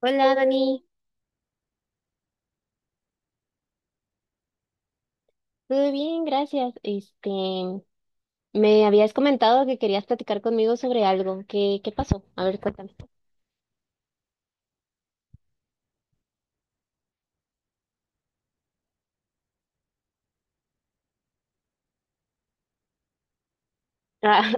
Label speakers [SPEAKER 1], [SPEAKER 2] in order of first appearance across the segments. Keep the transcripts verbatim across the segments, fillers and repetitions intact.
[SPEAKER 1] Hola Dani, todo bien, gracias. Este, me habías comentado que querías platicar conmigo sobre algo. ¿Qué, qué pasó? A ver, cuéntame. Ah,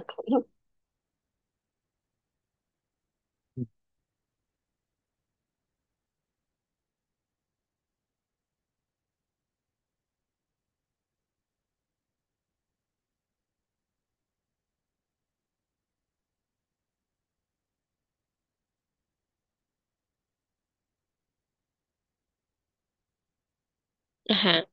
[SPEAKER 1] ajá.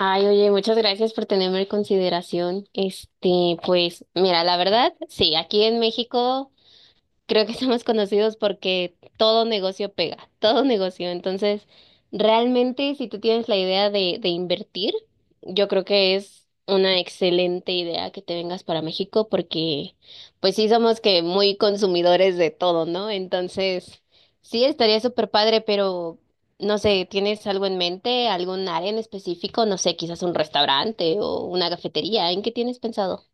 [SPEAKER 1] Ay, oye, muchas gracias por tenerme en consideración. Este, pues, mira, la verdad, sí, aquí en México. Creo que somos conocidos porque todo negocio pega, todo negocio. Entonces, realmente si tú tienes la idea de, de invertir, yo creo que es una excelente idea que te vengas para México porque pues sí somos que muy consumidores de todo, ¿no? Entonces, sí estaría súper padre, pero no sé, ¿tienes algo en mente, algún área en específico? No sé, quizás un restaurante o una cafetería, ¿en qué tienes pensado?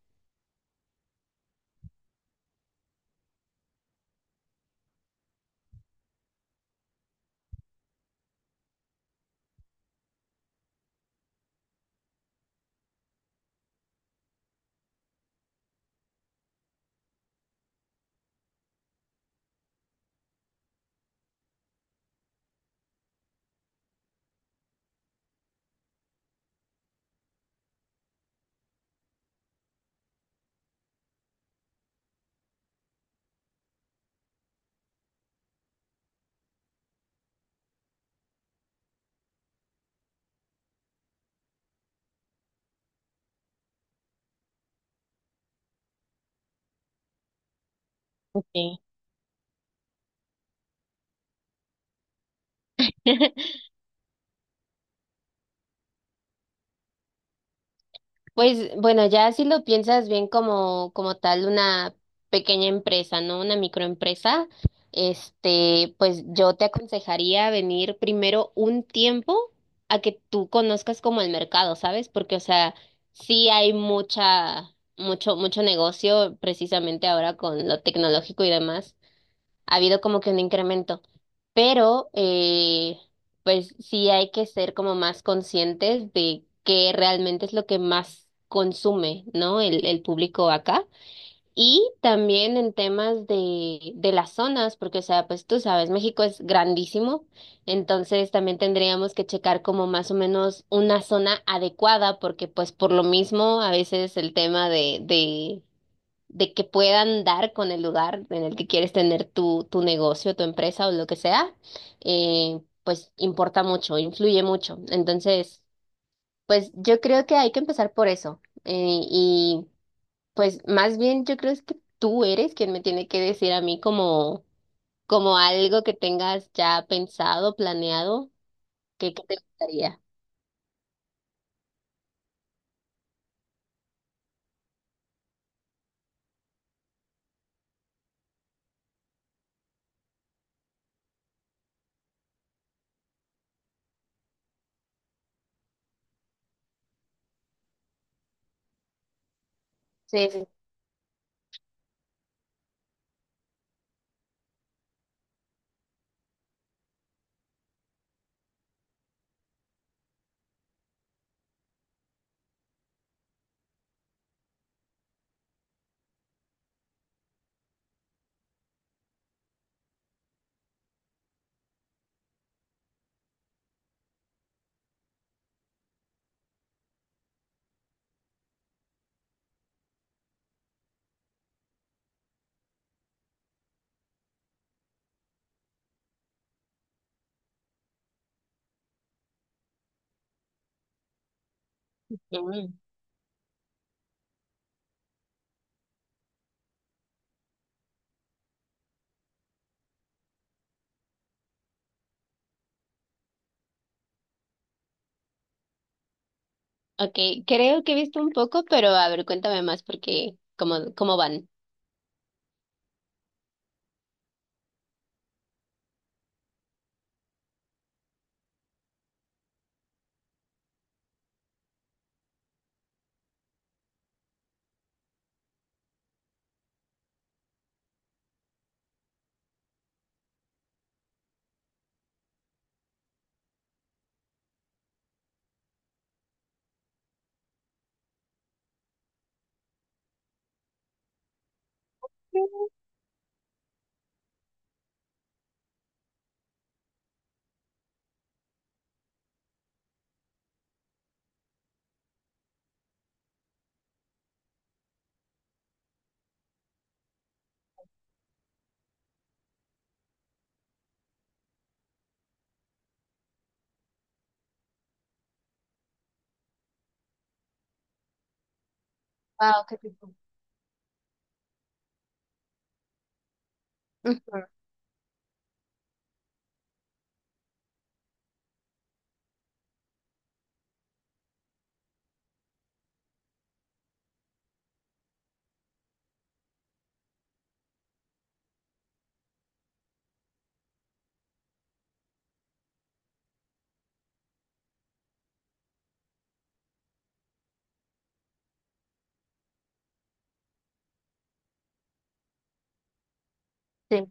[SPEAKER 1] Sí. Pues bueno, ya si lo piensas bien como, como tal una pequeña empresa, ¿no? Una microempresa, este, pues yo te aconsejaría venir primero un tiempo a que tú conozcas como el mercado, ¿sabes? Porque, o sea, sí hay mucha, mucho, mucho negocio precisamente ahora con lo tecnológico y demás ha habido como que un incremento, pero eh, pues sí hay que ser como más conscientes de qué realmente es lo que más consume, ¿no? El, el público acá. Y también en temas de, de las zonas, porque, o sea, pues tú sabes, México es grandísimo, entonces también tendríamos que checar como más o menos una zona adecuada, porque pues por lo mismo a veces el tema de, de de que puedan dar con el lugar en el que quieres tener tu, tu negocio, tu empresa o lo que sea, eh, pues importa mucho, influye mucho. Entonces, pues yo creo que hay que empezar por eso. Eh, y pues más bien yo creo es que tú eres quien me tiene que decir a mí como, como algo que tengas ya pensado, planeado, que, que te gustaría. Sí, sí. Mm, Ok, creo que he visto un poco, pero a ver, cuéntame más porque cómo, cómo van. Wow, qué rico. Mm, Sí.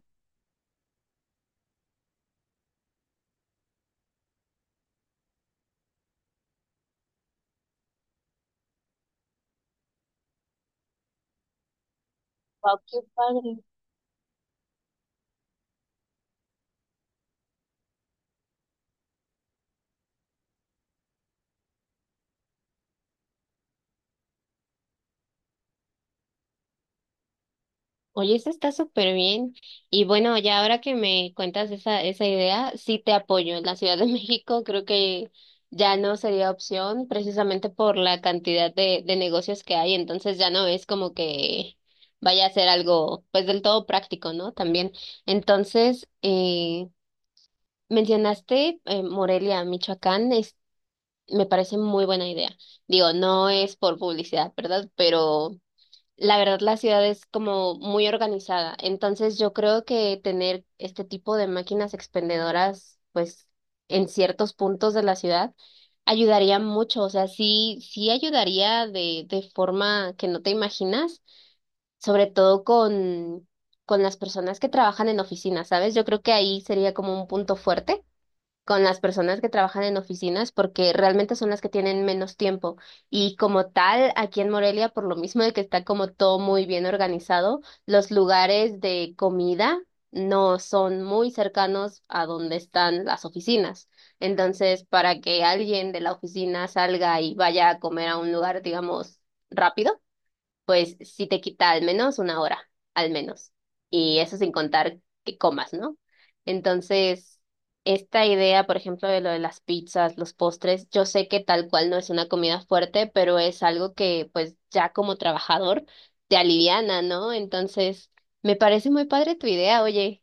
[SPEAKER 1] Wow, qué padre. Oye, eso está súper bien. Y bueno, ya ahora que me cuentas esa, esa idea, sí te apoyo. En la Ciudad de México creo que ya no sería opción precisamente por la cantidad de, de negocios que hay. Entonces ya no es como que vaya a ser algo pues del todo práctico, ¿no? También. Entonces, eh, mencionaste eh, Morelia, Michoacán, es, me parece muy buena idea. Digo, no es por publicidad, ¿verdad? Pero la verdad, la ciudad es como muy organizada, entonces yo creo que tener este tipo de máquinas expendedoras, pues en ciertos puntos de la ciudad, ayudaría mucho, o sea, sí, sí ayudaría de, de forma que no te imaginas, sobre todo con, con las personas que trabajan en oficinas, ¿sabes? Yo creo que ahí sería como un punto fuerte con las personas que trabajan en oficinas porque realmente son las que tienen menos tiempo. Y como tal, aquí en Morelia, por lo mismo de que está como todo muy bien organizado, los lugares de comida no son muy cercanos a donde están las oficinas. Entonces, para que alguien de la oficina salga y vaya a comer a un lugar, digamos, rápido, pues sí te quita al menos una hora, al menos. Y eso sin contar que comas, ¿no? Entonces, esta idea, por ejemplo, de lo de las pizzas, los postres, yo sé que tal cual no es una comida fuerte, pero es algo que pues ya como trabajador te aliviana, ¿no? Entonces, me parece muy padre tu idea, oye.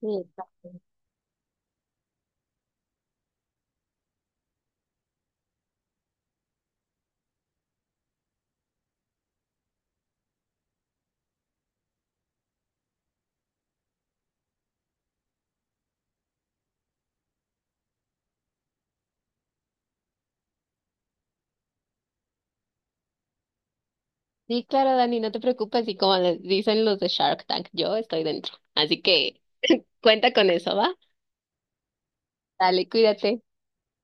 [SPEAKER 1] Sí, sí, claro, Dani, no te preocupes, y como les dicen los de Shark Tank, yo estoy dentro. Así que cuenta con eso, ¿va? Dale, cuídate.